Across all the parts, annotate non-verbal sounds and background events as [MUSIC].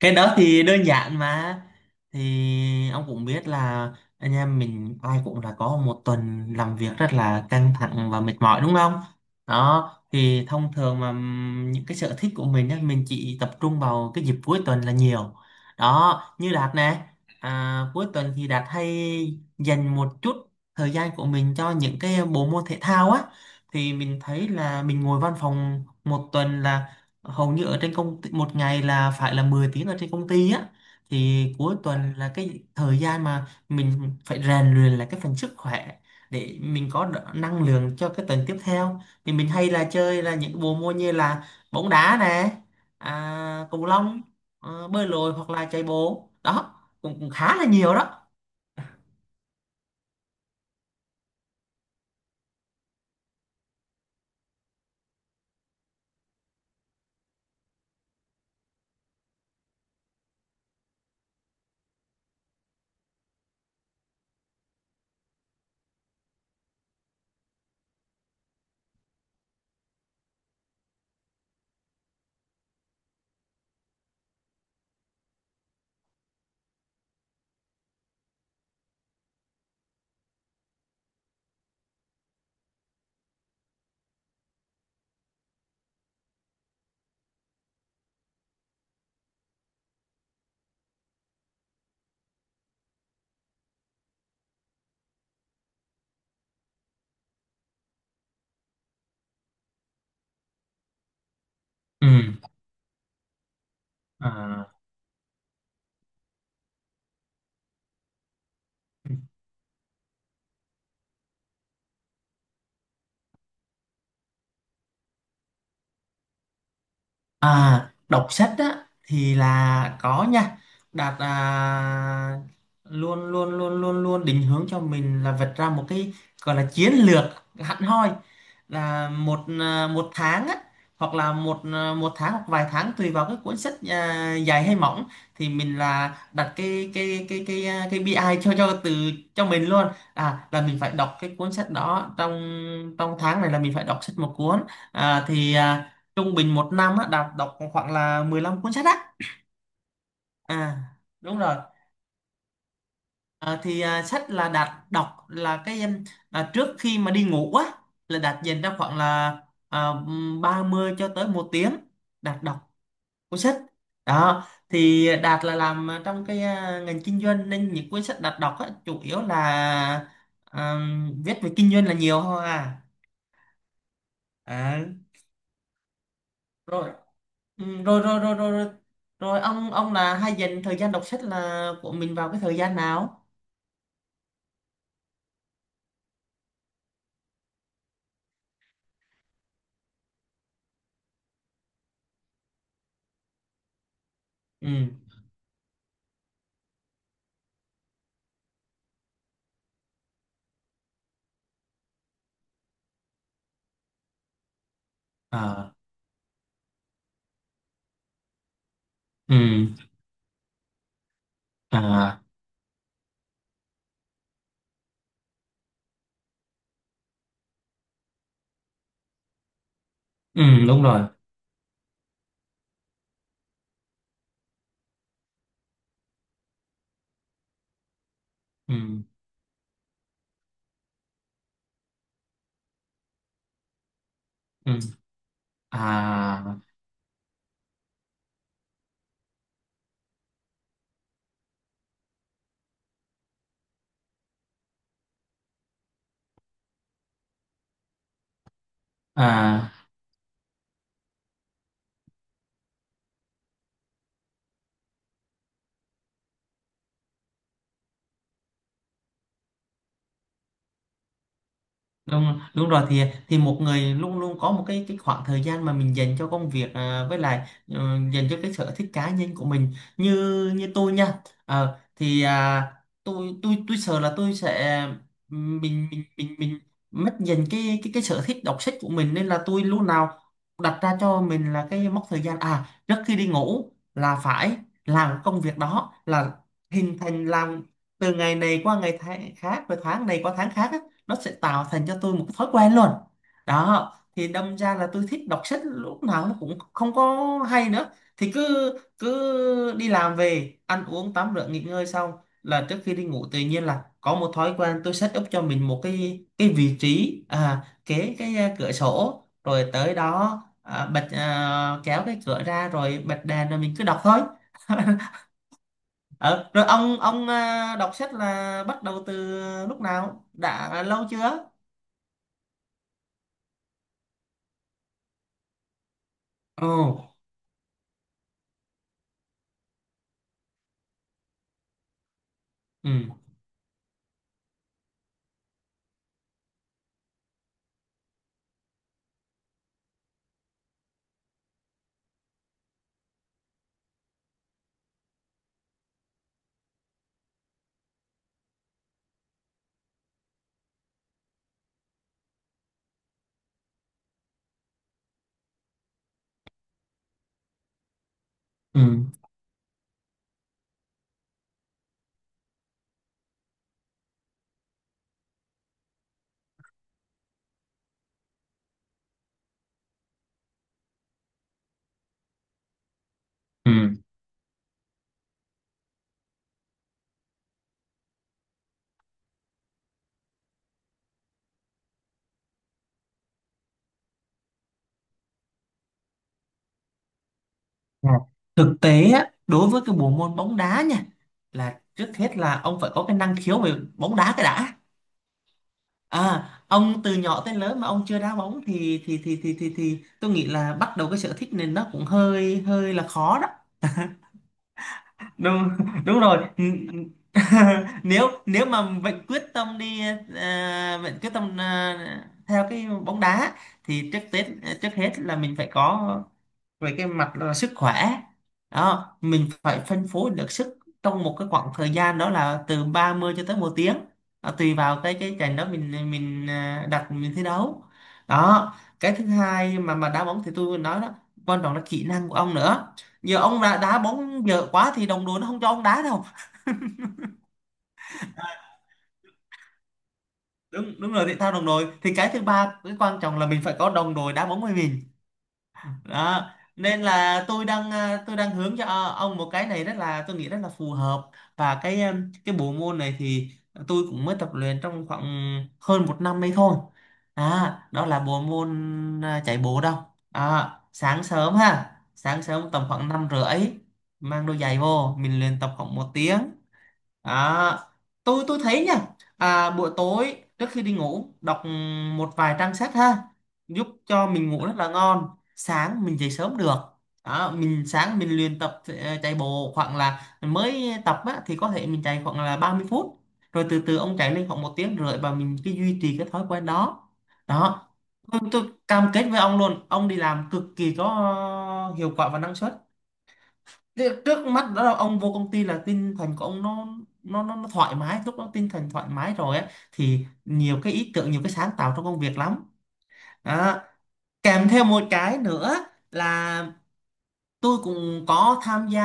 Cái đó thì đơn giản mà. Thì ông cũng biết là anh em mình ai cũng là có một tuần làm việc rất là căng thẳng và mệt mỏi, đúng không? Đó thì thông thường mà những cái sở thích của mình á, mình chỉ tập trung vào cái dịp cuối tuần là nhiều. Đó như Đạt nè. Cuối tuần thì Đạt hay dành một chút thời gian của mình cho những cái bộ môn thể thao á. Thì mình thấy là mình ngồi văn phòng một tuần là hầu như ở trên công ty, một ngày là phải là 10 tiếng ở trên công ty á. Thì cuối tuần là cái thời gian mà mình phải rèn luyện là cái phần sức khỏe, để mình có năng lượng cho cái tuần tiếp theo. Thì mình hay là chơi là những bộ môn như là bóng đá nè, cầu lông, bơi lội hoặc là chạy bộ đó. Cũng khá là nhiều đó. Ừ. À. À, đọc sách á thì là có nha. Đạt à, luôn luôn luôn luôn luôn định hướng cho mình là vạch ra một cái gọi là chiến lược hẳn hoi, là một tháng á, hoặc là một tháng hoặc vài tháng tùy vào cái cuốn sách à, dài hay mỏng. Thì mình là đặt cái BI ai cho mình luôn, là mình phải đọc cái cuốn sách đó trong trong tháng này là mình phải đọc sách một cuốn. à, thì à, Trung bình một năm á, Đạt đọc khoảng là 15 cuốn sách á, à. Đúng rồi. Sách là Đạt đọc là trước khi mà đi ngủ á, là Đạt dành ra khoảng là à, 30 cho tới một tiếng, Đạt đọc cuốn sách đó. Thì Đạt là làm trong cái ngành kinh doanh, nên những cuốn sách Đạt đọc á, chủ yếu là à, viết về kinh doanh là nhiều thôi à. À, rồi. Ừ, rồi rồi rồi rồi rồi. Rồi ông là hay dành thời gian đọc sách là của mình vào cái thời gian nào? Ừ. À. Ừ. À. Ừ. Đúng rồi. Ừ. Ừ. À. À. Đúng, đúng rồi. Thì một người luôn luôn có một cái khoảng thời gian mà mình dành cho công việc à, với lại dành cho cái sở thích cá nhân của mình, như như tôi nha. Ờ, thì à, tôi sợ là tôi sẽ mình mất dần cái sở thích đọc sách của mình, nên là tôi lúc nào đặt ra cho mình là cái mốc thời gian, trước khi đi ngủ là phải làm công việc đó, là hình thành làm từ ngày này qua ngày khác, rồi tháng này qua tháng khác á, nó sẽ tạo thành cho tôi một thói quen luôn. Đó thì đâm ra là tôi thích đọc sách lúc nào nó cũng không có hay nữa. Thì cứ cứ đi làm về, ăn uống, tắm rửa, nghỉ ngơi xong là trước khi đi ngủ tự nhiên là có một thói quen. Tôi set up cho mình một cái vị trí kế cái cửa sổ, rồi tới đó kéo cái cửa ra rồi bật đèn rồi mình cứ đọc thôi. [LAUGHS] Ờ, Rồi ông đọc sách là bắt đầu từ lúc nào, đã lâu chưa? Ồ. Ừ. Ừ. Ừ. Dạ. Thực tế á, đối với cái bộ môn bóng đá nha, là trước hết là ông phải có cái năng khiếu về bóng đá cái đã. À, ông từ nhỏ tới lớn mà ông chưa đá bóng thì tôi nghĩ là bắt đầu cái sở thích này nó cũng hơi hơi là khó đó. Đúng, đúng rồi. [LAUGHS] Nếu nếu mà vẫn quyết tâm đi à, vẫn quyết tâm à, theo cái bóng đá, thì trước hết là mình phải có về cái mặt là sức khỏe, đó mình phải phân phối được sức trong một cái khoảng thời gian, đó là từ 30 cho tới một tiếng đó, tùy vào cái trận đó mình đặt mình thi đấu đó. Cái thứ hai mà đá bóng thì tôi nói đó, quan trọng là kỹ năng của ông nữa. Giờ ông đã đá bóng dở quá thì đồng đội nó không cho ông đá đâu. Đúng, đúng rồi, thể thao đồng đội. Thì cái thứ ba, cái quan trọng là mình phải có đồng đội đá bóng với mình đó. Nên là tôi đang hướng cho ông một cái này, rất là tôi nghĩ rất là phù hợp. Và cái bộ môn này thì tôi cũng mới tập luyện trong khoảng hơn một năm ấy thôi. Đó là bộ môn chạy bộ đâu. Sáng sớm tầm khoảng 5 rưỡi, mang đôi giày vô mình luyện tập khoảng một tiếng. À, tôi thấy nha, buổi tối trước khi đi ngủ đọc một vài trang sách ha, giúp cho mình ngủ rất là ngon. Sáng mình dậy sớm được. Mình sáng mình luyện tập, chạy bộ khoảng là mới tập á, thì có thể mình chạy khoảng là 30 phút. Rồi từ từ ông chạy lên khoảng một tiếng rưỡi, và mình cứ duy trì cái thói quen đó. Đó. Tôi cam kết với ông luôn, ông đi làm cực kỳ có hiệu quả và năng suất. Thế trước mắt đó là ông vô công ty là tinh thần của ông nó thoải mái. Lúc đó tinh thần thoải mái rồi á, thì nhiều cái ý tưởng, nhiều cái sáng tạo trong công việc lắm. Đó, kèm theo một cái nữa là tôi cũng có tham gia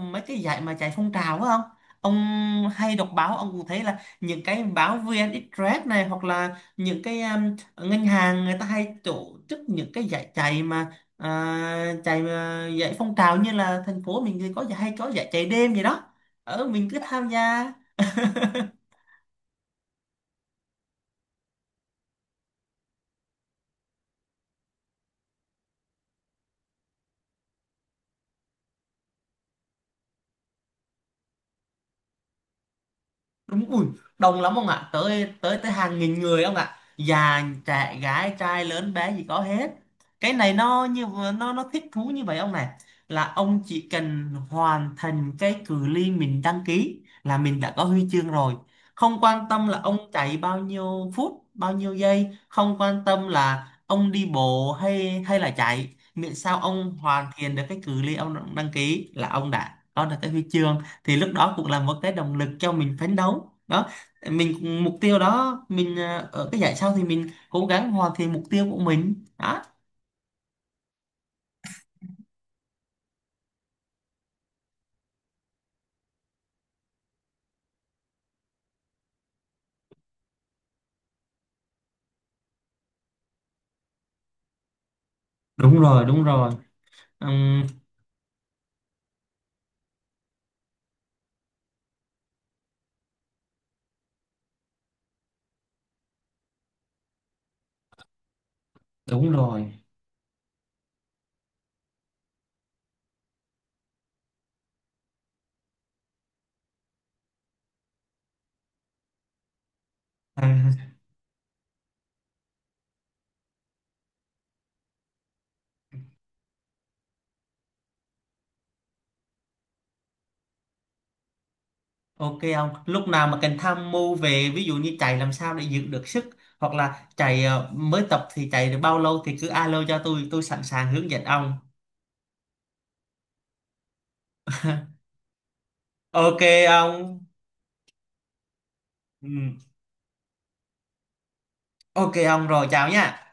mấy cái giải mà chạy phong trào á, không? Ông hay đọc báo ông cũng thấy là những cái báo VN Express này, hoặc là những cái ngân hàng người ta hay tổ chức những cái giải chạy mà giải phong trào, như là thành phố mình thì có giải, hay có giải chạy đêm gì đó, ở mình cứ tham gia. Đúng ui, đông lắm ông ạ, tới tới tới hàng nghìn người ông ạ, già trẻ gái trai lớn bé gì có hết. Cái này nó thích thú như vậy ông này, là ông chỉ cần hoàn thành cái cự ly mình đăng ký là mình đã có huy chương rồi. Không quan tâm là ông chạy bao nhiêu phút bao nhiêu giây, không quan tâm là ông đi bộ hay hay là chạy, miễn sao ông hoàn thiện được cái cự ly ông đăng ký là ông đã có được cái huy chương. Thì lúc đó cũng là một cái động lực cho mình phấn đấu đó. Mình mục tiêu đó, mình ở cái giải sau thì mình cố gắng hoàn thiện mục tiêu của mình đó. Đúng rồi, đúng rồi. Ừm, đúng rồi. à, ok. Ông lúc nào mà cần tham mưu, về ví dụ như chạy làm sao để giữ được sức, hoặc là chạy mới tập thì chạy được bao lâu, thì cứ alo cho tôi sẵn sàng hướng dẫn ông. Ok ông. Ừm, ok ông, rồi chào nha.